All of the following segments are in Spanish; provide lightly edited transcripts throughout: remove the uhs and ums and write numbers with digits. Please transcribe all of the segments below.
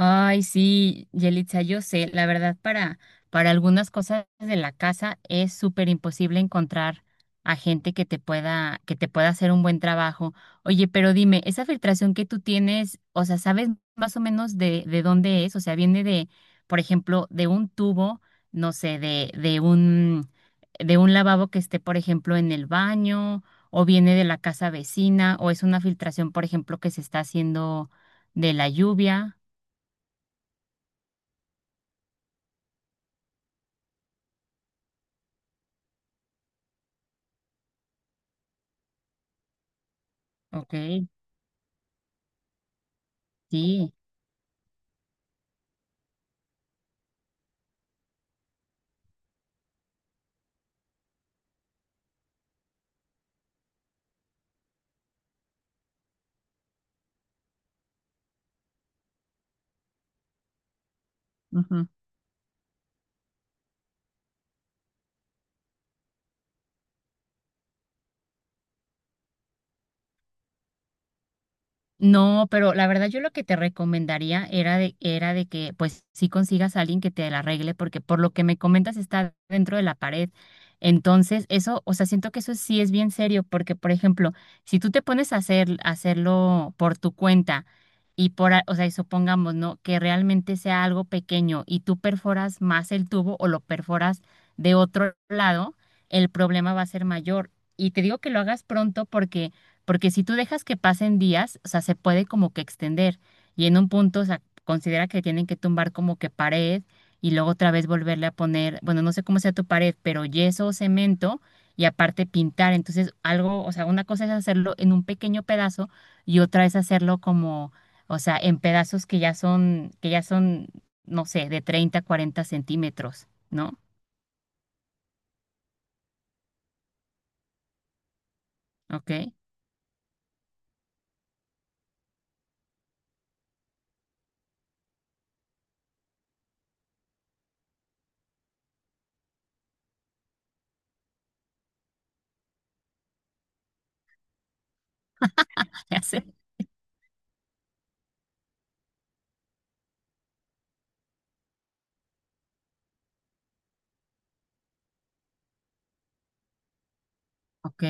Ay, sí, Yelitza, yo sé, la verdad para algunas cosas de la casa es súper imposible encontrar a gente que te pueda hacer un buen trabajo. Oye, pero dime, esa filtración que tú tienes, o sea, ¿sabes más o menos de dónde es? O sea, viene de, por ejemplo, de un tubo, no sé, de un lavabo que esté, por ejemplo, en el baño, o viene de la casa vecina, o es una filtración, por ejemplo, que se está haciendo de la lluvia. Ok, sí. Ujú. No, pero la verdad yo lo que te recomendaría era de que pues sí consigas a alguien que te la arregle, porque por lo que me comentas está dentro de la pared. Entonces, eso, o sea, siento que eso sí es bien serio, porque por ejemplo, si tú te pones a hacer, a hacerlo por tu cuenta y o sea, y supongamos, ¿no? Que realmente sea algo pequeño y tú perforas más el tubo o lo perforas de otro lado, el problema va a ser mayor. Y te digo que lo hagas pronto porque si tú dejas que pasen días, o sea, se puede como que extender y en un punto, o sea, considera que tienen que tumbar como que pared y luego otra vez volverle a poner, bueno, no sé cómo sea tu pared, pero yeso o cemento y aparte pintar. Entonces, algo, o sea, una cosa es hacerlo en un pequeño pedazo y otra es hacerlo como, o sea, en pedazos que ya son, no sé, de 30, 40 centímetros, ¿no? Ok, ya sé, ok.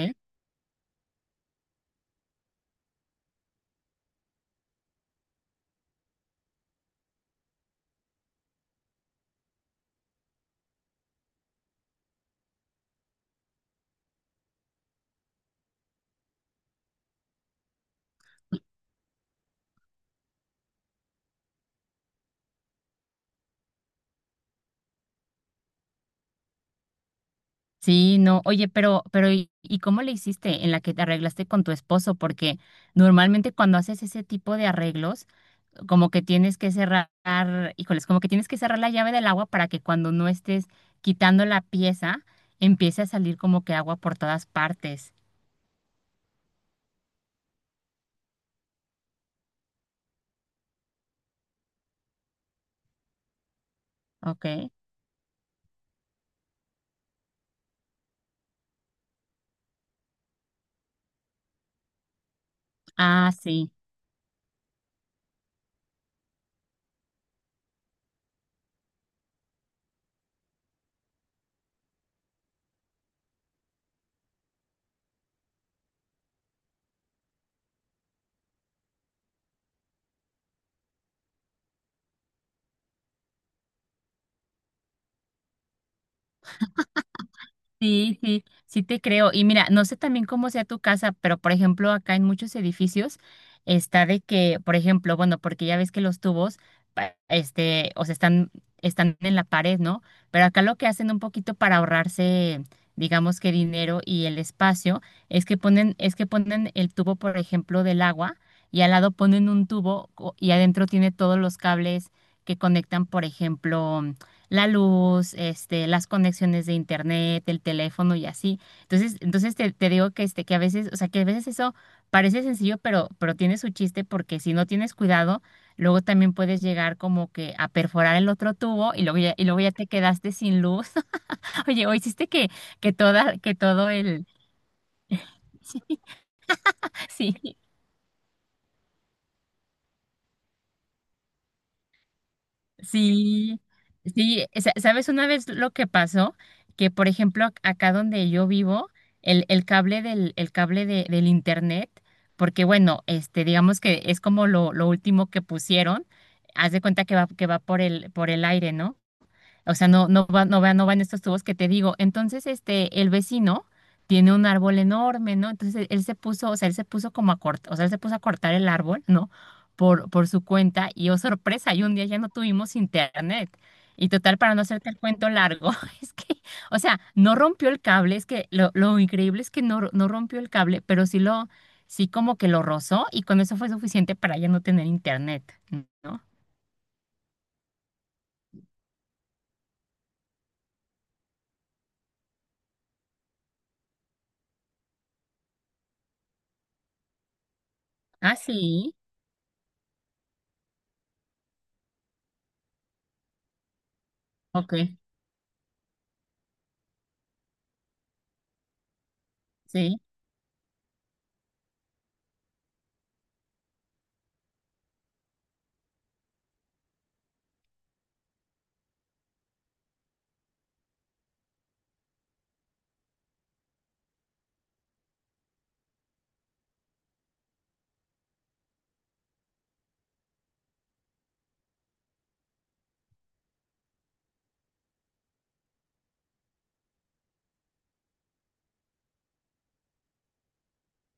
Sí, no, oye, pero ¿y cómo le hiciste en la que te arreglaste con tu esposo? Porque normalmente cuando haces ese tipo de arreglos, como que tienes que cerrar, híjoles, como que tienes que cerrar la llave del agua para que cuando no estés quitando la pieza, empiece a salir como que agua por todas partes, ¿ok? Ah, sí te creo. Y mira, no sé también cómo sea tu casa, pero por ejemplo, acá en muchos edificios está de que, por ejemplo, bueno, porque ya ves que los tubos este, o sea, están en la pared, ¿no? Pero acá lo que hacen un poquito para ahorrarse, digamos que dinero y el espacio, es que ponen el tubo, por ejemplo, del agua, y al lado ponen un y adentro tiene todos los cables que conectan, por ejemplo, la luz, este, las conexiones de internet, el teléfono y así. Entonces te, te digo que este, que a veces, o sea, que a veces eso parece sencillo, pero tiene su chiste porque si no tienes cuidado, luego también puedes llegar como que a perforar el otro tubo y luego ya te quedaste sin luz. Oye, o hiciste que toda, que todo el, sí, sí, sí, sí, ¿sabes una vez lo que pasó? Que por ejemplo acá donde yo vivo, el cable del internet, porque bueno, este, digamos que es como lo último que pusieron, haz de cuenta que va por el aire, ¿no? O sea, no va, no van estos tubos que te digo. Entonces, este, el vecino tiene un árbol enorme, ¿no? Entonces, él se puso, o sea, él se puso como a cortar, o sea, él se puso a cortar el árbol, ¿no? Por su cuenta, y oh, sorpresa, y un día ya no tuvimos internet. Y total, para no hacerte el cuento largo, es que, o sea, no rompió el cable, es que lo increíble es que no rompió el cable, pero sí como que lo rozó, y con eso fue suficiente para ya no tener internet, ¿no? Ah, sí, ok, sí.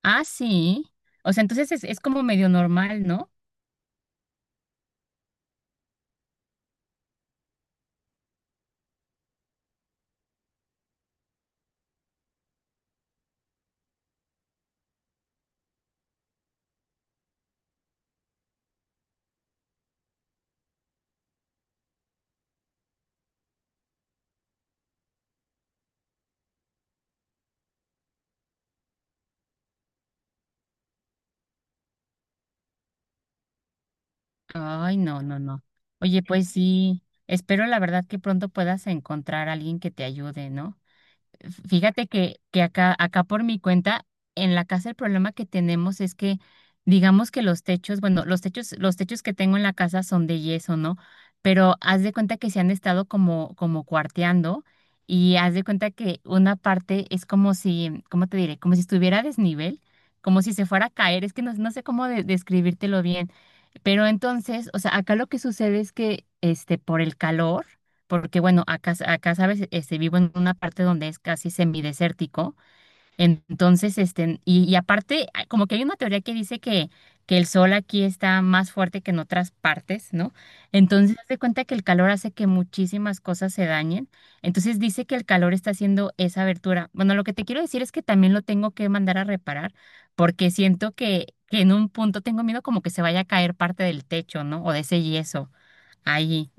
Ah, sí. O sea, entonces es como medio normal, ¿no? Ay, no, no, no. Oye, pues sí, espero la verdad que pronto puedas encontrar a alguien que te ayude, ¿no? Fíjate que acá por mi cuenta, en la casa el problema que tenemos es que, digamos que los techos, bueno, los techos que tengo en la casa son de yeso, ¿no? Pero haz de cuenta que se han estado como, como cuarteando y haz de cuenta que una parte es como si, ¿cómo te diré? Como si estuviera a desnivel, como si se fuera a caer. Es que no, no sé cómo describírtelo bien, pero entonces, o sea, acá lo que sucede es que, este, por el calor, porque bueno, acá sabes, este, vivo en una parte donde es casi semidesértico, entonces, este, y aparte, ah, como que hay una teoría que dice que el sol aquí está más fuerte que en otras partes, ¿no? Entonces, haz de cuenta que el calor hace que muchísimas cosas se dañen. Entonces, dice que el calor está haciendo esa abertura. Bueno, lo que te quiero decir es que también lo tengo que mandar a reparar, porque siento que en un punto tengo miedo como que se vaya a caer parte del techo, ¿no? O de ese yeso. Ahí,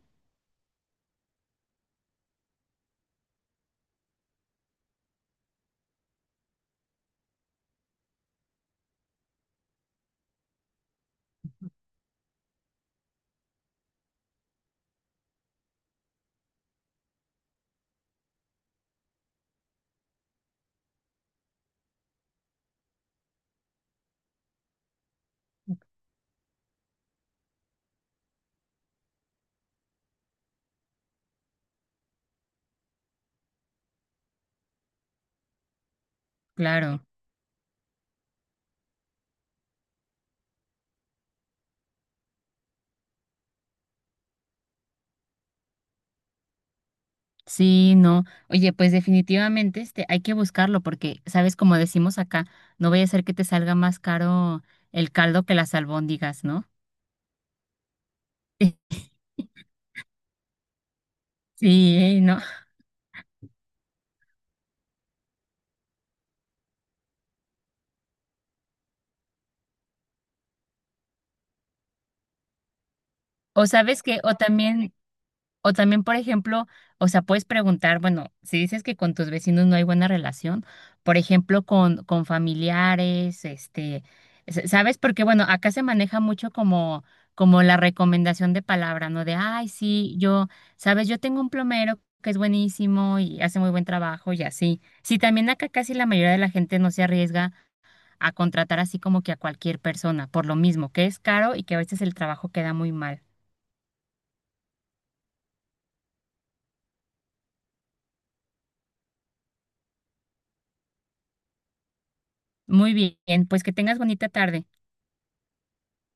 claro. Sí, no. Oye, pues definitivamente este, hay que buscarlo porque, sabes, como decimos acá, no vaya a ser que te salga más caro el caldo que las albóndigas, ¿no? Sí, ¿eh? ¿No? O sabes que, o también, o también, por ejemplo, o sea, puedes preguntar, bueno, si dices que con tus vecinos no hay buena relación, por ejemplo, con familiares, este, ¿sabes? Porque, bueno, acá se maneja mucho como, como la recomendación de palabra, ¿no? De, ay, sí, yo, ¿sabes? Yo tengo un plomero que es buenísimo y hace muy buen trabajo y así. Sí, también acá casi la mayoría de la gente no se arriesga a contratar así como que a cualquier persona, por lo mismo, que es caro y que a veces el trabajo queda muy mal. Muy bien, pues que tengas bonita tarde.